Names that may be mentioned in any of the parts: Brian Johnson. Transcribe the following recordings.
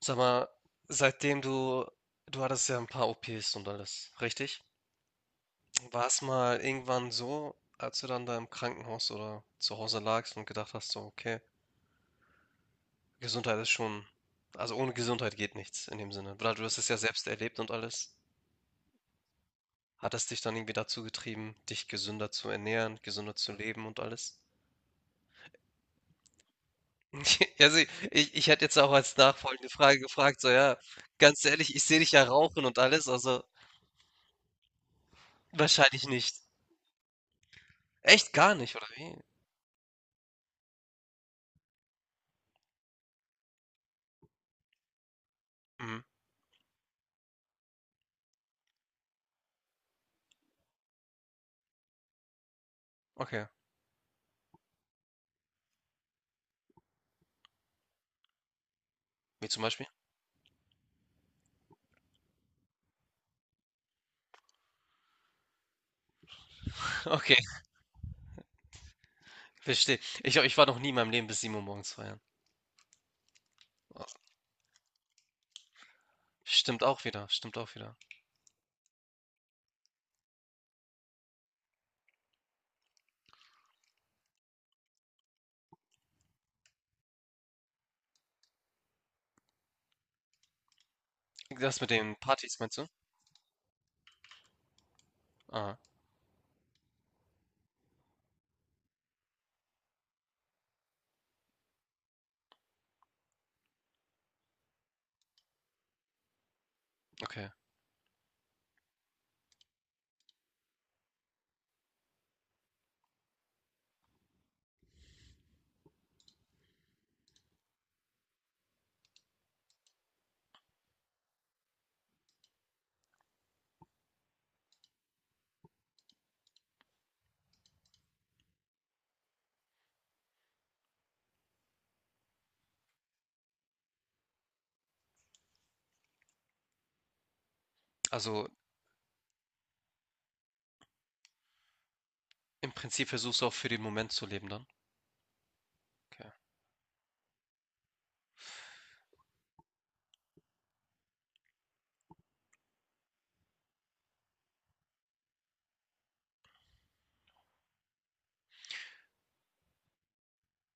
Sag mal, seitdem du hattest ja ein paar OPs und alles, richtig? War es mal irgendwann so, als du dann da im Krankenhaus oder zu Hause lagst und gedacht hast so: „Okay, Gesundheit ist schon, ohne Gesundheit geht nichts", in dem Sinne. Weil du hast es ja selbst erlebt und alles. Hat es dich dann irgendwie dazu getrieben, dich gesünder zu ernähren, gesünder zu leben und alles? Also, ich hätte jetzt auch als nachfolgende Frage gefragt, so ja, ganz ehrlich, ich sehe dich ja rauchen und alles, also wahrscheinlich nicht. Echt gar nicht, oder wie? Mhm. Okay. Wie zum Beispiel? Okay, verstehe. Ich war noch nie in meinem Leben bis 7 Uhr morgens feiern. Ah, stimmt auch wieder, stimmt auch wieder. Das mit den Partys, meinst du? Ah, okay. Also im Prinzip versuchst du auch für den Moment zu leben dann. Okay.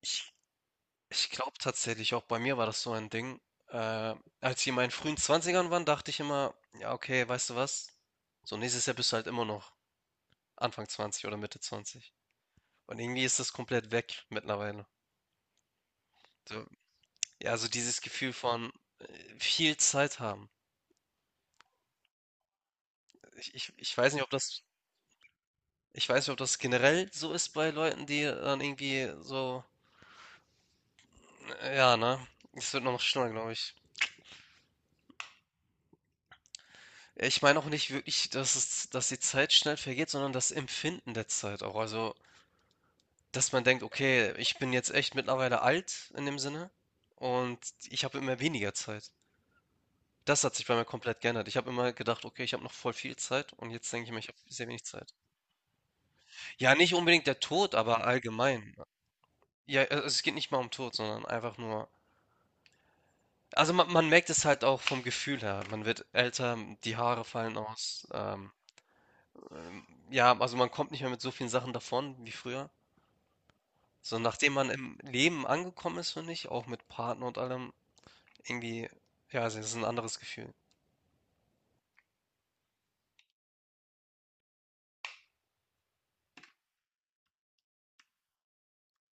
Ich, ich glaube tatsächlich, auch bei mir war das so ein Ding. Äh, Als ich in meinen frühen Zwanzigern war, dachte ich immer, ja, okay, weißt du was? So nächstes Jahr bist du halt immer noch Anfang 20 oder Mitte 20. Und irgendwie ist das komplett weg mittlerweile. So, ja, also dieses Gefühl von, äh, viel Zeit haben. Ich weiß nicht, ob das ich weiß nicht, ob das generell so ist bei Leuten, die dann irgendwie so ja, ne? Es wird noch schlimmer, glaube ich. Ich meine auch nicht wirklich, dass es dass die Zeit schnell vergeht, sondern das Empfinden der Zeit auch. Also, dass man denkt: „Okay, ich bin jetzt echt mittlerweile alt in dem Sinne und ich habe immer weniger Zeit." Das hat sich bei mir komplett geändert. Ich habe immer gedacht: „Okay, ich habe noch voll viel Zeit" und jetzt denke ich mir: „Ich habe sehr wenig Zeit." Ja, nicht unbedingt der Tod, aber allgemein. Ja, also es geht nicht mal um Tod, sondern einfach nur. Also man merkt es halt auch vom Gefühl her. Man wird älter, die Haare fallen aus. Ja, also man kommt nicht mehr mit so vielen Sachen davon wie früher. So nachdem man im Leben angekommen ist, finde ich, auch mit Partner und allem, irgendwie, ja, es ist ein anderes Gefühl.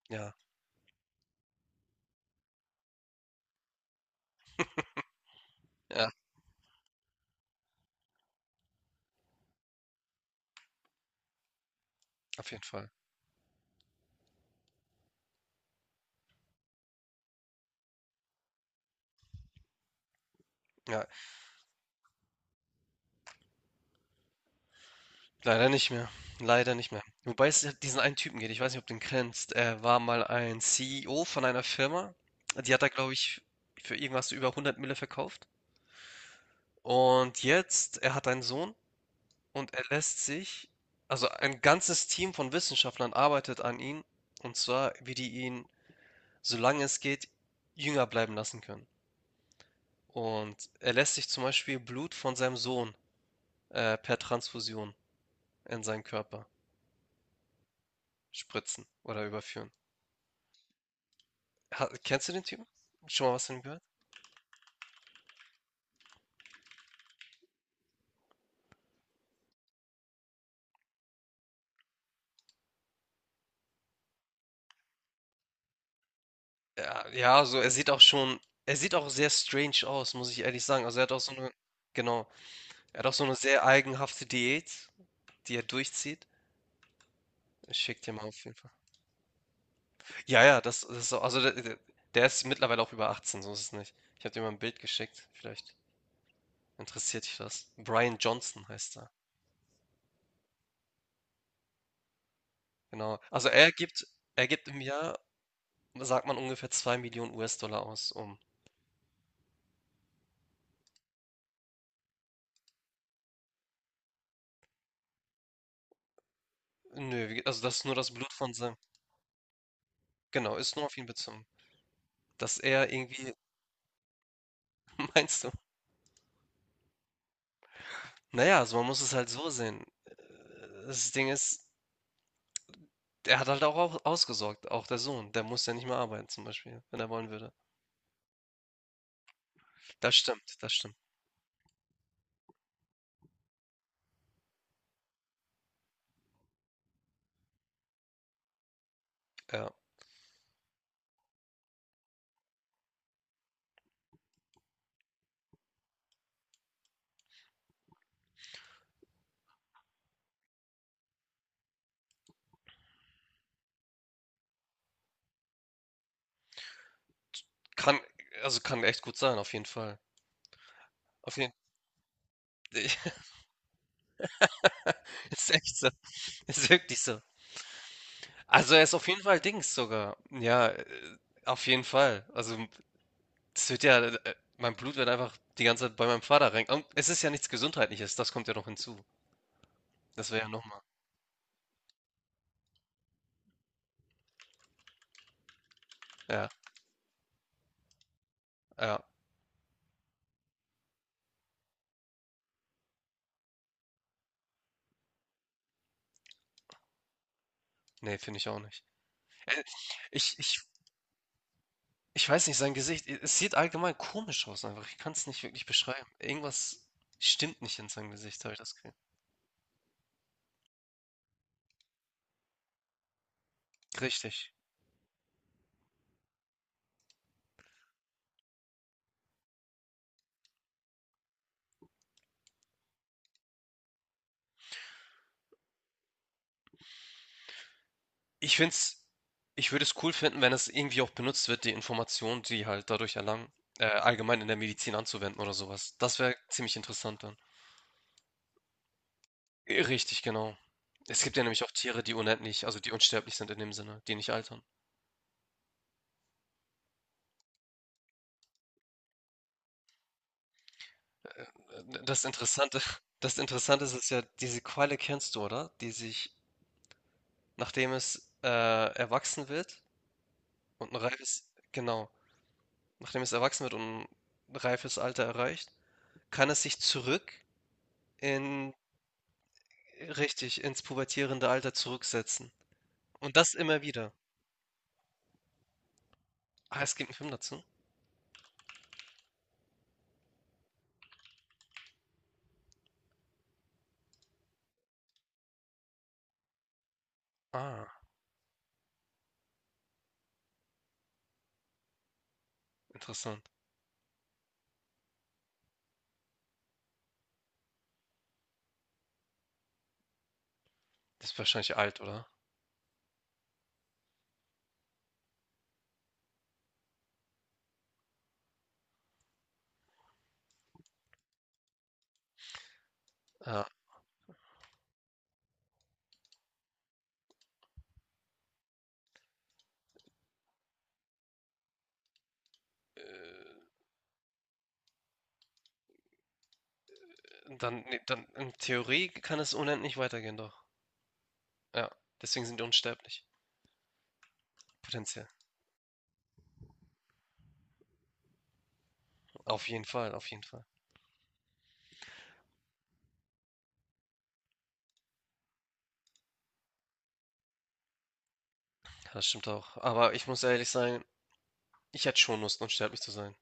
Ja, ja, auf jeden Fall. Ja. Leider nicht mehr. Leider nicht mehr. Wobei es ja diesen einen Typen geht, ich weiß nicht, ob du ihn kennst. Er war mal ein CEO von einer Firma. Die hat er, glaube ich, für irgendwas über 100 Mille verkauft. Und jetzt, er hat einen Sohn und er lässt sich, also ein ganzes Team von Wissenschaftlern arbeitet an ihm. Und zwar, wie die ihn, solange es geht, jünger bleiben lassen können. Und er lässt sich zum Beispiel Blut von seinem Sohn per Transfusion in seinen Körper spritzen oder überführen. Ha, kennst du den Typen? Schon mal was von ihm gehört? Ja, ja, so er sieht auch schon, er sieht auch sehr strange aus, muss ich ehrlich sagen. Also er hat auch so eine, genau, er hat auch so eine sehr eigenhafte Diät, die er durchzieht. Ich schick dir mal auf jeden Fall. Ja, ja, das, das ist so, also der der ist mittlerweile auch über 18, so ist es nicht. Ich habe dir mal ein Bild geschickt, vielleicht interessiert dich das. Brian Johnson heißt er. Genau. Also er gibt im Jahr, sagt man, ungefähr 2 Millionen US-Dollar aus, um. Nö, also das ist nur das Blut von seinem. Genau, ist nur auf ihn bezogen. Dass er irgendwie meinst du? Naja, also man muss es halt so sehen. Das Ding ist, der hat halt auch au ausgesorgt, auch der Sohn. Der muss ja nicht mehr arbeiten zum Beispiel, wenn er wollen würde. Das stimmt, das stimmt. Ja. Kann Also kann echt gut sein, auf jeden Fall. Auf jeden ist echt so. Ist wirklich so. Also er ist auf jeden Fall Dings sogar. Ja, auf jeden Fall. Also es wird ja, mein Blut wird einfach die ganze Zeit bei meinem Vater rein. Und es ist ja nichts Gesundheitliches, das kommt ja noch hinzu. Das wäre ja nochmal. Ja, ja. Ne, finde ich auch nicht. Ich ich ich weiß nicht, sein Gesicht, e es sieht allgemein komisch aus einfach. Ich kann es nicht wirklich beschreiben. Irgendwas stimmt nicht in seinem Gesicht, habe ich das Gefühl. Richtig. Ich finde es ich würde es cool finden, wenn es irgendwie auch benutzt wird, die Informationen, die halt dadurch erlangen, allgemein in der Medizin anzuwenden oder sowas. Das wäre ziemlich interessant dann. Richtig, genau. Es gibt ja nämlich auch Tiere, die unendlich, also die unsterblich sind in dem Sinne, die nicht altern. Das Interessante, das Interessante ist, ist ja, diese Qualle kennst du, oder? Die sich nachdem es erwachsen wird und ein reifes, genau, nachdem es erwachsen wird und ein reifes Alter erreicht, kann es sich zurück in, richtig, ins pubertierende Alter zurücksetzen. Und das immer wieder. Ah, es gibt einen Film dazu? Ah, interessant. Das ist wahrscheinlich alt, oder? Ja, dann, nee, dann in Theorie kann es unendlich weitergehen, doch. Ja, deswegen sind die unsterblich. Potenziell. Auf jeden Fall, auf jeden Fall. Ja, das stimmt auch. Aber ich muss ehrlich sein, ich hätte schon Lust, unsterblich zu sein.